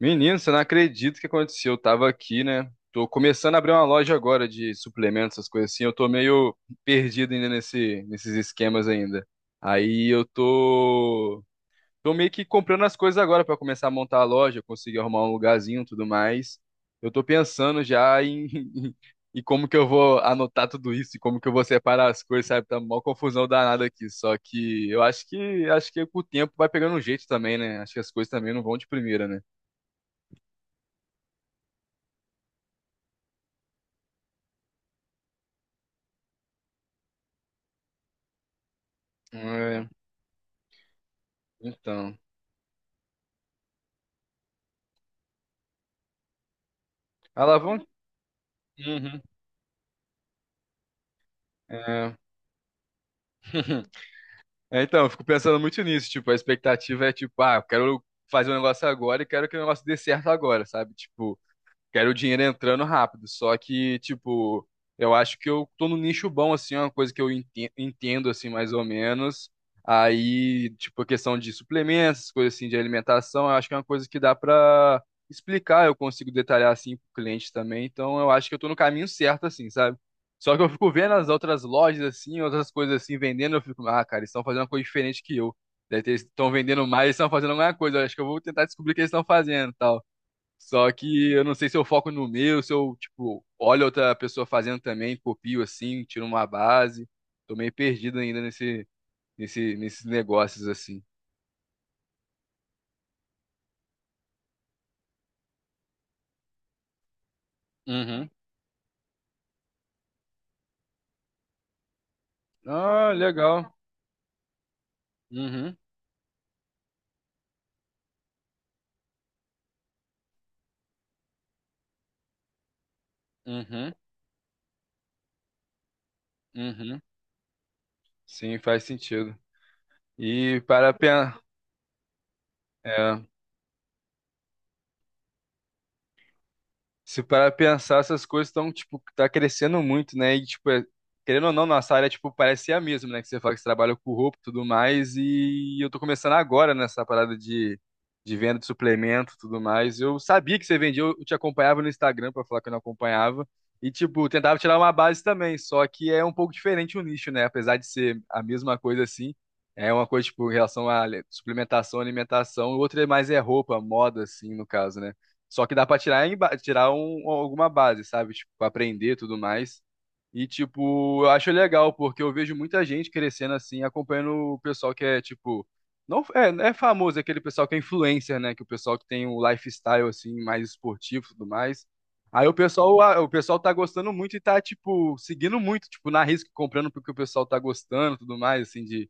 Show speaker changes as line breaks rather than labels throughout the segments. Menino, você não acredita o que aconteceu. Eu tava aqui, né? Tô começando a abrir uma loja agora de suplementos, essas coisas assim. Eu tô meio perdido ainda nesses esquemas ainda. Aí eu tô meio que comprando as coisas agora pra começar a montar a loja, conseguir arrumar um lugarzinho e tudo mais. Eu tô pensando já em, em como que eu vou anotar tudo isso e como que eu vou separar as coisas, sabe? Tá uma confusão danada aqui. Só que eu acho que com o tempo vai pegando um jeito também, né? Acho que as coisas também não vão de primeira, né? Então, alavanca. Uhum. É. É, então, eu fico pensando muito nisso, tipo, a expectativa é tipo, ah, eu quero fazer um negócio agora e quero que o negócio dê certo agora, sabe? Tipo, quero o dinheiro entrando rápido. Só que, tipo, eu acho que eu tô num nicho bom, assim, é uma coisa que eu entendo, assim, mais ou menos. Aí, tipo, a questão de suplementos, coisas assim, de alimentação, eu acho que é uma coisa que dá pra explicar, eu consigo detalhar, assim, pro cliente também. Então, eu acho que eu tô no caminho certo, assim, sabe? Só que eu fico vendo as outras lojas, assim, outras coisas assim, vendendo, eu fico, ah, cara, eles estão fazendo uma coisa diferente que eu. Eles estão vendendo mais, eles estão fazendo alguma coisa. Eu acho que eu vou tentar descobrir o que eles estão fazendo, e tal. Só que eu não sei se eu foco no meu, se eu, tipo, olho outra pessoa fazendo também, copio assim, tiro uma base. Tô meio perdido ainda nesses negócios assim. Uhum. Ah, legal. Uhum, uhum, uhum. Uhum. Sim, faz sentido. E para pensar. Se parar pra pensar, essas coisas estão, tipo, tá crescendo muito, né? E, tipo, querendo ou não, nossa área, tipo, parece ser a mesma, né? Que você fala que você trabalha com roupa e tudo mais, e eu tô começando agora nessa parada de venda de suplemento e tudo mais. Eu sabia que você vendia, eu te acompanhava no Instagram pra falar que eu não acompanhava, e, tipo, tentava tirar uma base também, só que é um pouco diferente o nicho, né? Apesar de ser a mesma coisa assim, é uma coisa, tipo, em relação à suplementação, alimentação, o outro é mais é roupa, moda, assim, no caso, né? Só que dá pra tirar, em ba- tirar um, alguma base, sabe? Tipo, aprender e tudo mais. E, tipo, eu acho legal, porque eu vejo muita gente crescendo assim, acompanhando o pessoal que é, tipo. Não, é, não é famoso, é aquele pessoal que é influencer, né? Que o pessoal que tem um lifestyle, assim, mais esportivo e tudo mais. Aí o pessoal, a- o pessoal tá gostando muito e tá, tipo, seguindo muito, tipo, na risca, comprando porque o pessoal tá gostando e tudo mais, assim, de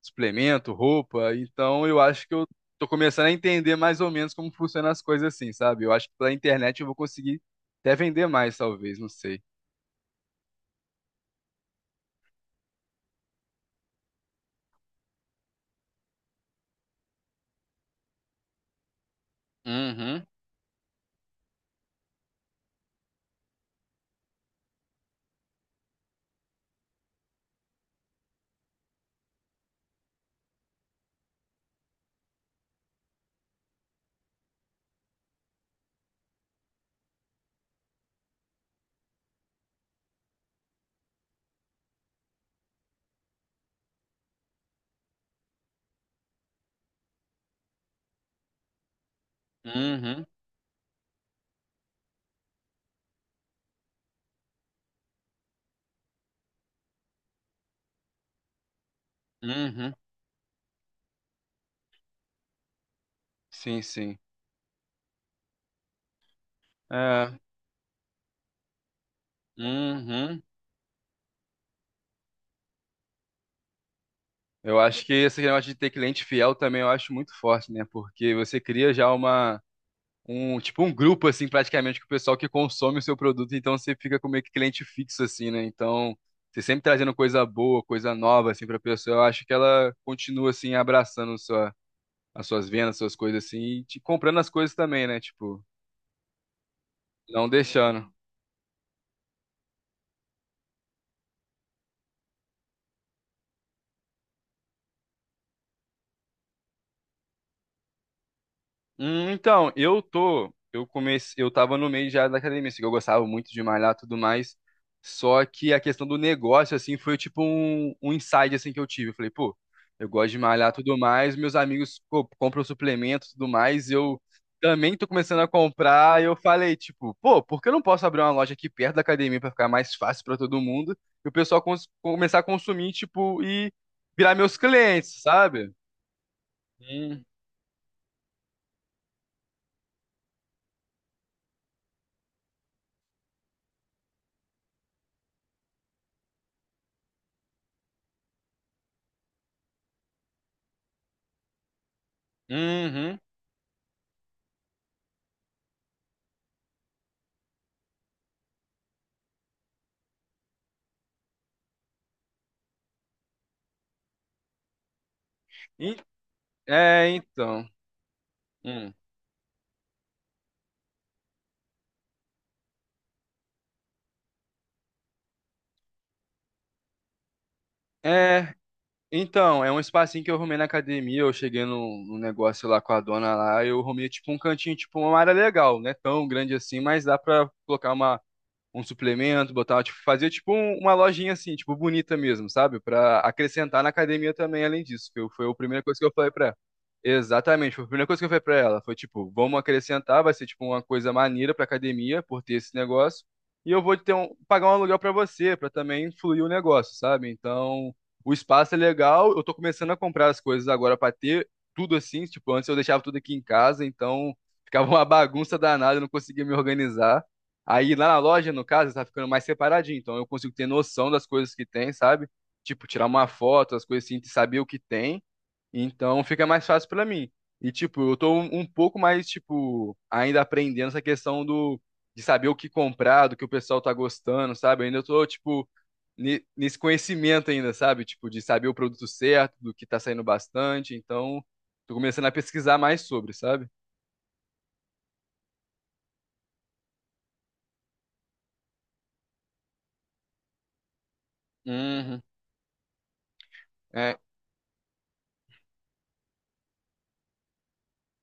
suplemento, roupa. Então eu acho que eu tô começando a entender mais ou menos como funcionam as coisas assim, sabe? Eu acho que pela internet eu vou conseguir até vender mais, talvez, não sei. Uhum, uhum, uhum. Sim, sim. É, uhum. Eu acho que esse negócio de ter cliente fiel também eu acho muito forte, né? Porque você cria já uma um tipo um grupo assim praticamente com o pessoal que consome o seu produto, então você fica com meio que cliente fixo assim, né? Então, você sempre trazendo coisa boa, coisa nova assim para pessoa, eu acho que ela continua assim abraçando sua as suas vendas, suas coisas assim, e te comprando as coisas também, né? Tipo, não deixando. Então, eu tô, eu comecei, eu tava no meio já da academia, assim, que eu gostava muito de malhar e tudo mais. Só que a questão do negócio, assim, foi tipo um, um insight, assim, que eu tive. Eu falei, pô, eu gosto de malhar e tudo mais, meus amigos, pô, compram suplementos e tudo mais, eu também tô começando a comprar. E eu falei, tipo, pô, por que eu não posso abrir uma loja aqui perto da academia pra ficar mais fácil pra todo mundo? E o pessoal começar a consumir, tipo, e virar meus clientes, sabe? Hum. Uhum. É, então. Hum. É, então, é um espacinho que eu arrumei na academia, eu cheguei no num negócio lá com a dona lá, eu arrumei tipo um cantinho, tipo uma área legal, né? Tão grande assim, mas dá pra colocar uma um suplemento, botava, tipo, fazia tipo uma lojinha assim, tipo, bonita mesmo, sabe? Pra acrescentar na academia também, além disso, foi a primeira coisa que eu falei pra ela. Exatamente, foi a primeira coisa que eu falei pra ela. Foi tipo, vamos acrescentar, vai ser tipo uma coisa maneira pra academia por ter esse negócio. E eu vou ter um, pagar um aluguel pra você, pra também fluir o negócio, sabe? Então, o espaço é legal, eu tô começando a comprar as coisas agora pra ter tudo assim, tipo, antes eu deixava tudo aqui em casa, então ficava uma bagunça danada, eu não conseguia me organizar. Aí lá na loja, no caso, tá ficando mais separadinho. Então eu consigo ter noção das coisas que tem, sabe? Tipo, tirar uma foto, as coisas assim, saber o que tem. Então fica mais fácil pra mim. E tipo, eu tô um pouco mais, tipo, ainda aprendendo essa questão do de saber o que comprar, do que o pessoal tá gostando, sabe? Ainda eu tô, tipo, nesse conhecimento ainda, sabe? Tipo, de saber o produto certo, do que tá saindo bastante. Então, tô começando a pesquisar mais sobre, sabe? Uhum.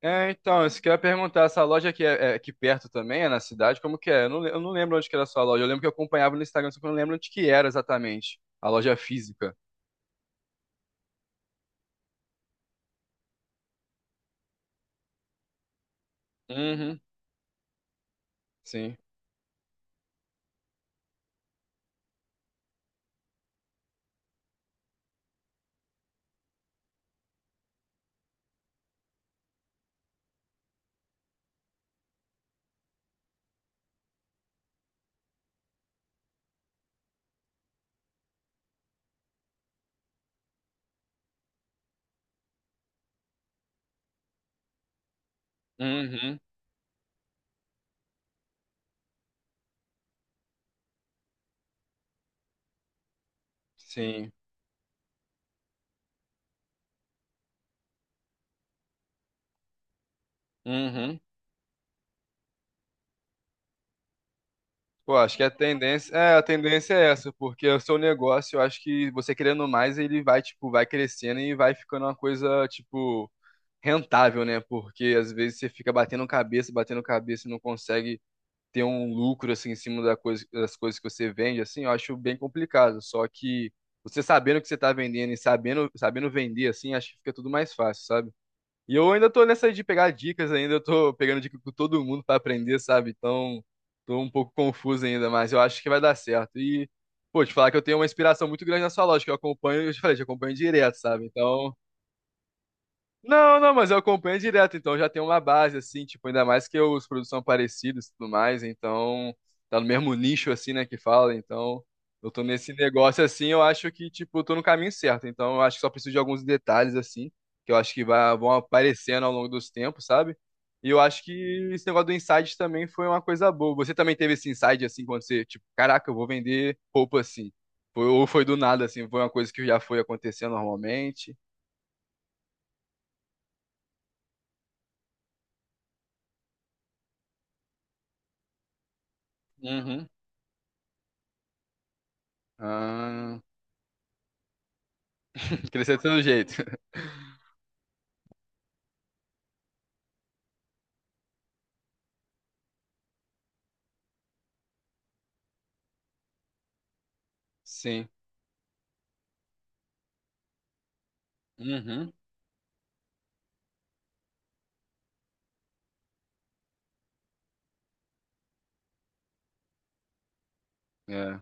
É, então, isso que eu ia perguntar, essa loja aqui é aqui perto também, é na cidade, como que é? Eu não lembro onde que era a sua loja, eu lembro que eu acompanhava no Instagram, só que eu não lembro onde que era exatamente, a loja física. Uhum, sim, uhum, sim, uhum. Pô, acho que a tendência é essa, porque o seu negócio, eu acho que você querendo mais, ele vai, tipo, vai crescendo e vai ficando uma coisa, tipo, rentável, né? Porque às vezes você fica batendo cabeça e não consegue ter um lucro assim em cima da das coisas que você vende, assim, eu acho bem complicado. Só que você sabendo o que você tá vendendo e sabendo vender, assim, acho que fica tudo mais fácil, sabe? E eu ainda tô nessa de pegar dicas ainda, eu tô pegando dica com todo mundo pra aprender, sabe? Então, tô um pouco confuso ainda, mas eu acho que vai dar certo. E, pô, te falar que eu tenho uma inspiração muito grande na sua loja, que eu acompanho, eu te falei, te acompanho direto, sabe? Então, não, não, mas eu acompanho direto, então já tem uma base, assim, tipo, ainda mais que os produtos são parecidos e tudo mais, então tá no mesmo nicho, assim, né, que fala, então eu tô nesse negócio, assim, eu acho que, tipo, eu tô no caminho certo, então eu acho que só preciso de alguns detalhes, assim, que eu acho que vão aparecendo ao longo dos tempos, sabe? E eu acho que esse negócio do insight também foi uma coisa boa. Você também teve esse insight, assim, quando você, tipo, caraca, eu vou vender roupa, assim. Ou foi do nada, assim, foi uma coisa que já foi acontecendo normalmente? Uhum. Ah. Crescer de todo jeito. Sim. Uhum. É.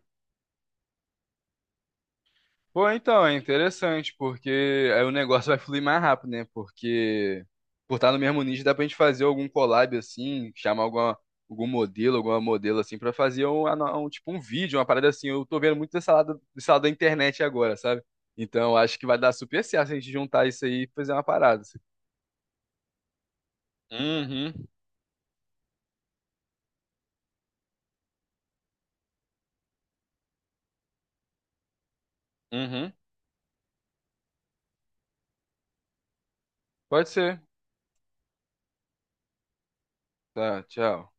Pô, então, é interessante, porque aí o negócio vai fluir mais rápido, né? Porque por estar no mesmo nicho, dá pra gente fazer algum collab assim, chamar alguma, algum modelo, alguma modelo assim, pra fazer um, ano- um- tipo um vídeo, uma parada assim. Eu tô vendo muito desse lado da internet agora, sabe? Então, eu acho que vai dar super certo se a gente juntar isso aí e fazer uma parada, assim. Uhum, uhum. Pode ser. Tá, tchau.